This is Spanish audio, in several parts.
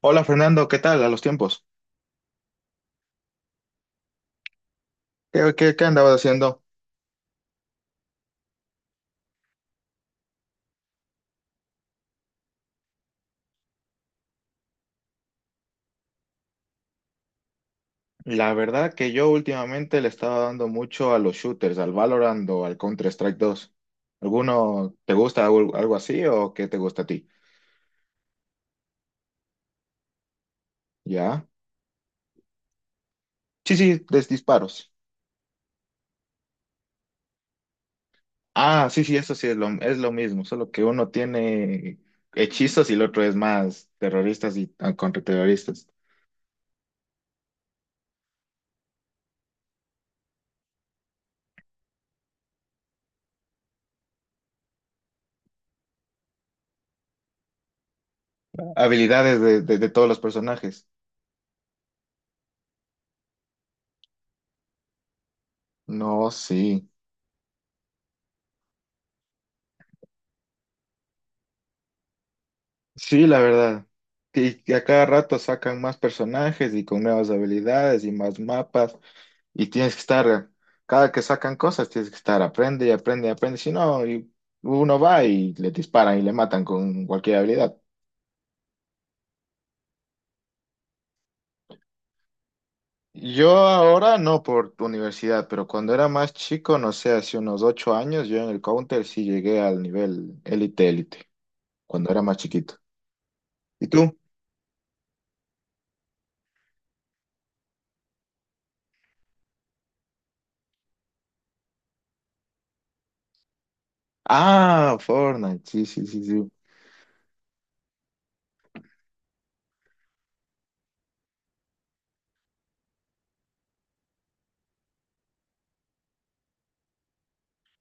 Hola Fernando, ¿qué tal a los tiempos? ¿Qué andabas haciendo? La verdad que yo últimamente le estaba dando mucho a los shooters, al Valorant o al Counter-Strike 2. ¿Alguno te gusta algo así o qué te gusta a ti? ¿Ya? Sí, sí, de disparos. Ah, sí, sí, eso sí es lo mismo, solo que uno tiene hechizos y el otro es más terroristas y contraterroristas. Habilidades de todos los personajes. No, sí. Sí, la verdad. Y a cada rato sacan más personajes y con nuevas habilidades y más mapas. Y tienes que estar, cada que sacan cosas, tienes que estar, aprende y aprende y aprende. Si no, y uno va y le disparan y le matan con cualquier habilidad. Yo ahora no por tu universidad, pero cuando era más chico, no sé, hace unos 8 años, yo en el Counter sí llegué al nivel élite, élite, cuando era más chiquito. ¿Y tú? Ah, Fortnite, sí, sí, sí, sí.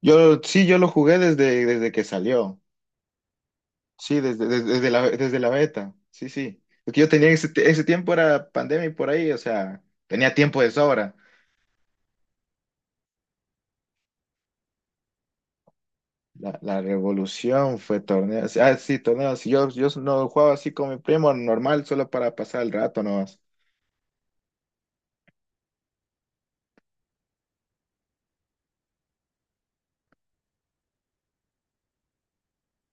Yo sí, yo lo jugué desde que salió. Sí, desde la beta. Sí, sí. Porque yo tenía ese tiempo era pandemia y por ahí, o sea, tenía tiempo de sobra. La revolución fue torneo. Ah, sí, torneos. Yo no jugaba así con mi primo normal, solo para pasar el rato nomás.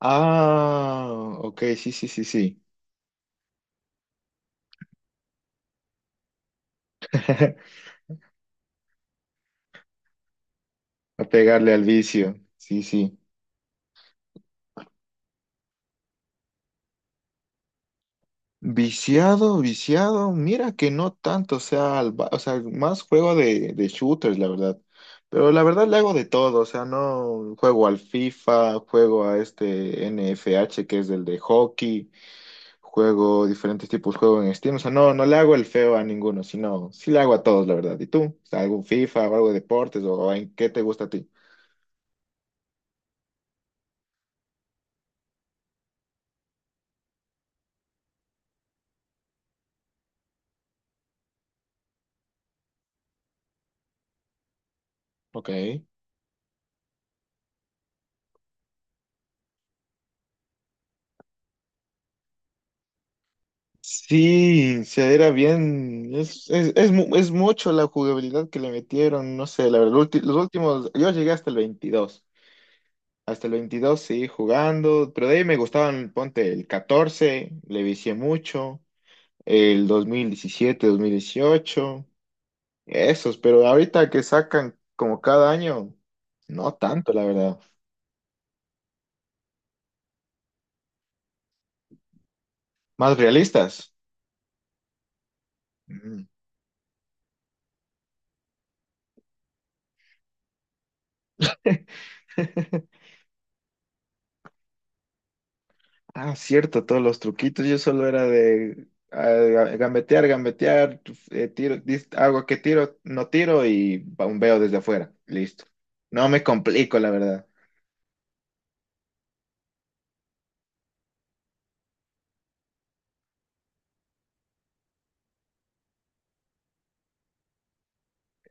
Ah, ok, sí, sí, sí, sí. A pegarle al vicio. Sí, sí. Viciado, viciado, mira que no tanto, o sea, o sea, más juego de shooters, la verdad. Pero la verdad le hago de todo, o sea, no juego al FIFA, juego a este NFH que es el de hockey, juego diferentes tipos de juegos en Steam, o sea, no le hago el feo a ninguno, sino sí le hago a todos, la verdad. ¿Y tú? O sea, ¿algún FIFA o algo de deportes o en qué te gusta a ti? Ok. Sí, se era bien, es mucho la jugabilidad que le metieron, no sé, la verdad, los últimos, yo llegué hasta el veintidós, seguí jugando, pero de ahí me gustaban, ponte, el 14 le vicié mucho, el dos mil diecisiete 2018 esos, pero ahorita que sacan como cada año, no tanto, la verdad, más realistas. Ujú. Ah, cierto, todos los truquitos. Yo solo era de gambetear, gambetear, pues, hago que tiro, no tiro y bombeo desde afuera. Listo. No me complico, la verdad.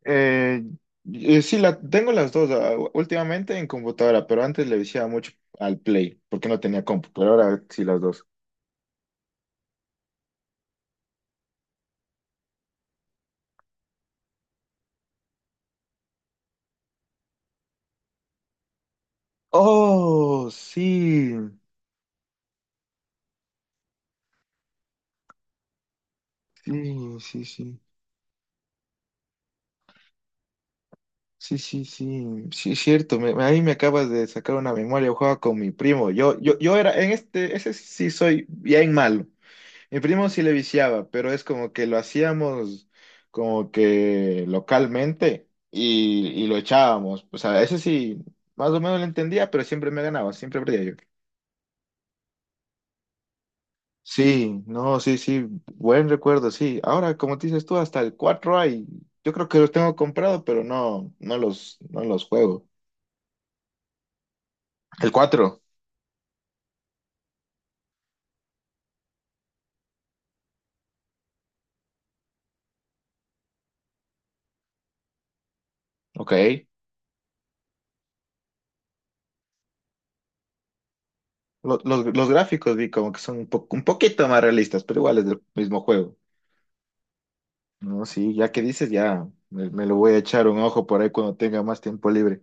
Eh, y sí, tengo las dos, últimamente en computadora, pero antes le viciaba mucho al Play, porque no tenía compu, pero ahora sí las dos. Oh, sí, sí, sí, sí. Sí, sí, sí, sí, es cierto. Ahí me acabas de sacar una memoria. Yo jugaba con mi primo. Yo era en este, ese sí soy bien malo. Mi primo sí le viciaba, pero es como que lo hacíamos como que localmente y lo echábamos. O sea, ese sí, más o menos lo entendía, pero siempre me ganaba, siempre perdía yo. Sí, no, sí, sí, buen recuerdo, sí. Ahora, como te dices tú, hasta el 4 hay. Yo creo que los tengo comprado, pero no los juego. El 4 ok. Los gráficos vi como que son un poquito más realistas, pero igual es del mismo juego. No, sí, ya que dices, ya me lo voy a echar un ojo por ahí cuando tenga más tiempo libre.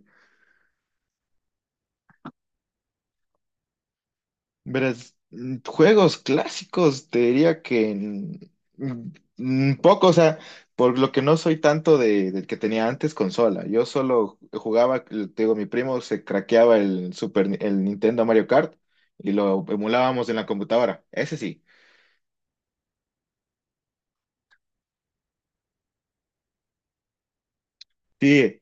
Verás, juegos clásicos, te diría que poco, o sea, por lo que no soy tanto del que tenía antes consola. Yo solo jugaba, te digo, mi primo se craqueaba el Nintendo Mario Kart y lo emulábamos en la computadora. Ese sí. Sí, eh,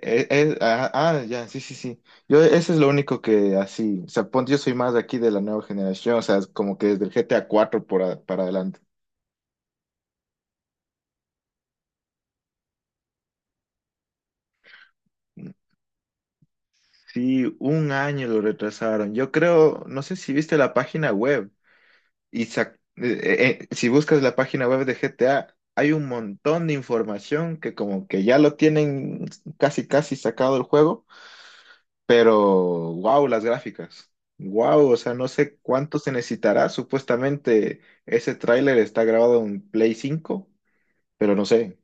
eh, eh, ah, ah, ya, sí, sí, sí. Yo, eso es lo único que así, o sea, ponte, yo soy más de aquí de la nueva generación, o sea, es como que desde el GTA 4 para adelante. Sí, un año lo retrasaron. Yo creo, no sé si viste la página web si buscas la página web de GTA, hay un montón de información que como que ya lo tienen casi casi sacado el juego. Pero, wow, las gráficas. Wow, o sea, no sé cuánto se necesitará. Supuestamente ese tráiler está grabado en Play 5, pero no sé.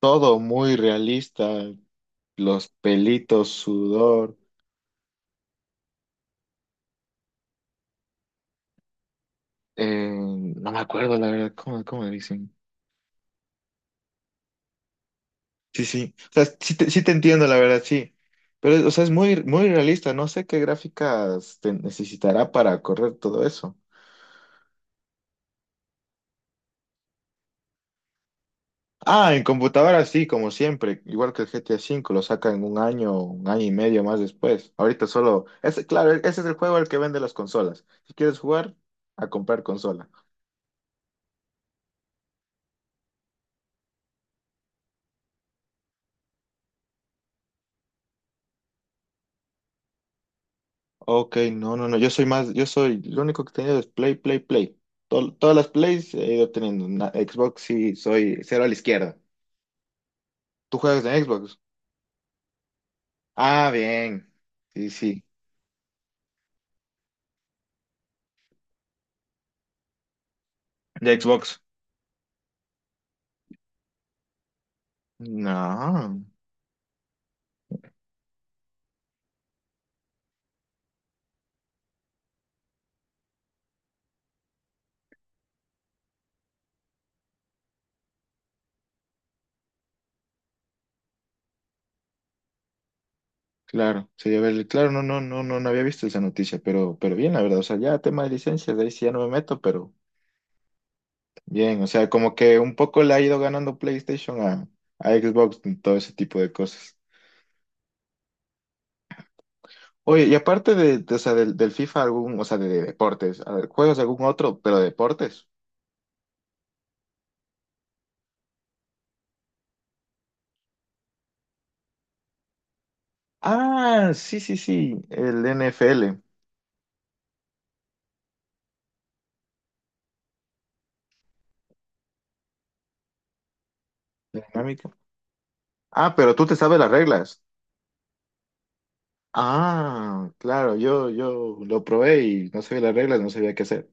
Todo muy realista, los pelitos, sudor, no me acuerdo la verdad, ¿cómo le dicen? Sí, sí, o sea, sí te entiendo la verdad, sí. Pero, o sea, es muy, muy realista, no sé qué gráficas te necesitará para correr todo eso. Ah, en computadora sí, como siempre, igual que el GTA V, lo sacan un año y medio más después. Ahorita solo, ese, claro, ese es el juego al que vende las consolas. Si quieres jugar, a comprar consola. Ok, no, no, no, yo soy más, yo soy, lo único que he tenido es Play, Play, Play. Todas las Plays he ido teniendo. Xbox sí, soy cero a la izquierda. ¿Tú juegas de Xbox? Ah, bien. Sí, sí. ¿De Xbox? No. Claro, sería verle. Claro, no, no, no, no, no había visto esa noticia, pero bien, la verdad. O sea, ya tema de licencias, de ahí sí ya no me meto, pero bien. O sea, como que un poco le ha ido ganando PlayStation a Xbox en todo ese tipo de cosas. Oye, y aparte o sea, del FIFA, algún, o sea, de deportes, a ver, ¿juegas algún otro, pero de deportes? Ah, sí, sí, sí, el NFL, la dinámica. Ah, pero tú te sabes las reglas. Ah, claro, yo lo probé y no sabía las reglas, no sabía qué hacer.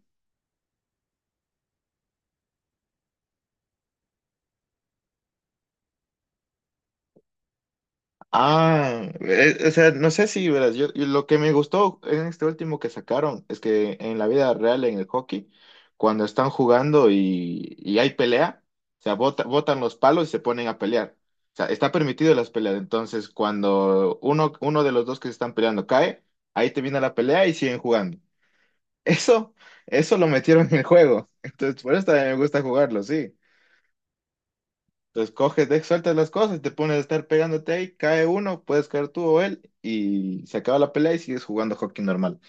Ah, o sea, no sé si verás, yo lo que me gustó en este último que sacaron es que en la vida real, en el hockey, cuando están jugando y hay pelea, o sea, botan los palos y se ponen a pelear. O sea, está permitido las peleas. Entonces, cuando uno de los dos que se están peleando cae, ahí termina la pelea y siguen jugando. Eso, eso lo metieron en el juego. Entonces, por eso también me gusta jugarlo, sí. Entonces coges, sueltas las cosas, y te pones a estar pegándote ahí, cae uno, puedes caer tú o él, y se acaba la pelea y sigues jugando hockey normal.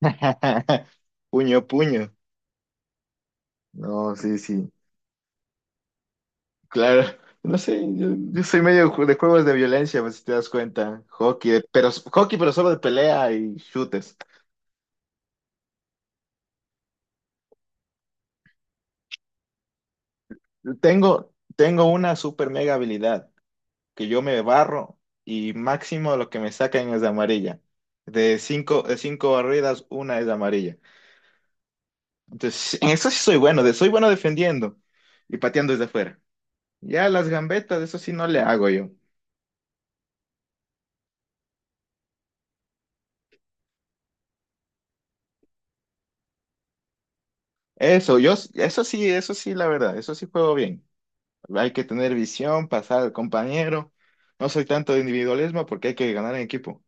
Puño, a puño. No, sí, sí. Claro. No sé, yo soy medio de juegos de violencia, pues, si te das cuenta. Hockey, pero solo de pelea y chutes. Tengo una super mega habilidad, que yo me barro y máximo lo que me sacan es de amarilla. De cinco barridas, una es de amarilla. Entonces, sí, en eso sí soy bueno, soy bueno defendiendo y pateando desde afuera. Ya las gambetas, eso sí no le hago yo. Eso sí, la verdad, eso sí juego bien. Hay que tener visión, pasar al compañero. No soy tanto de individualismo porque hay que ganar en equipo.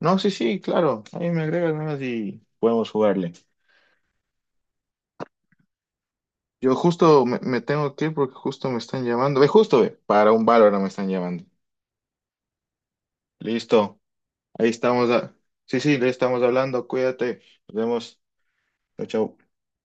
No, sí, sí, claro. Ahí me agregas nomás y podemos jugarle. Yo justo me tengo que ir porque justo me están llamando. Para un Valorant me están llamando. Listo. Ahí estamos. Sí, sí, le estamos hablando. Cuídate. Nos vemos. Chao, chao.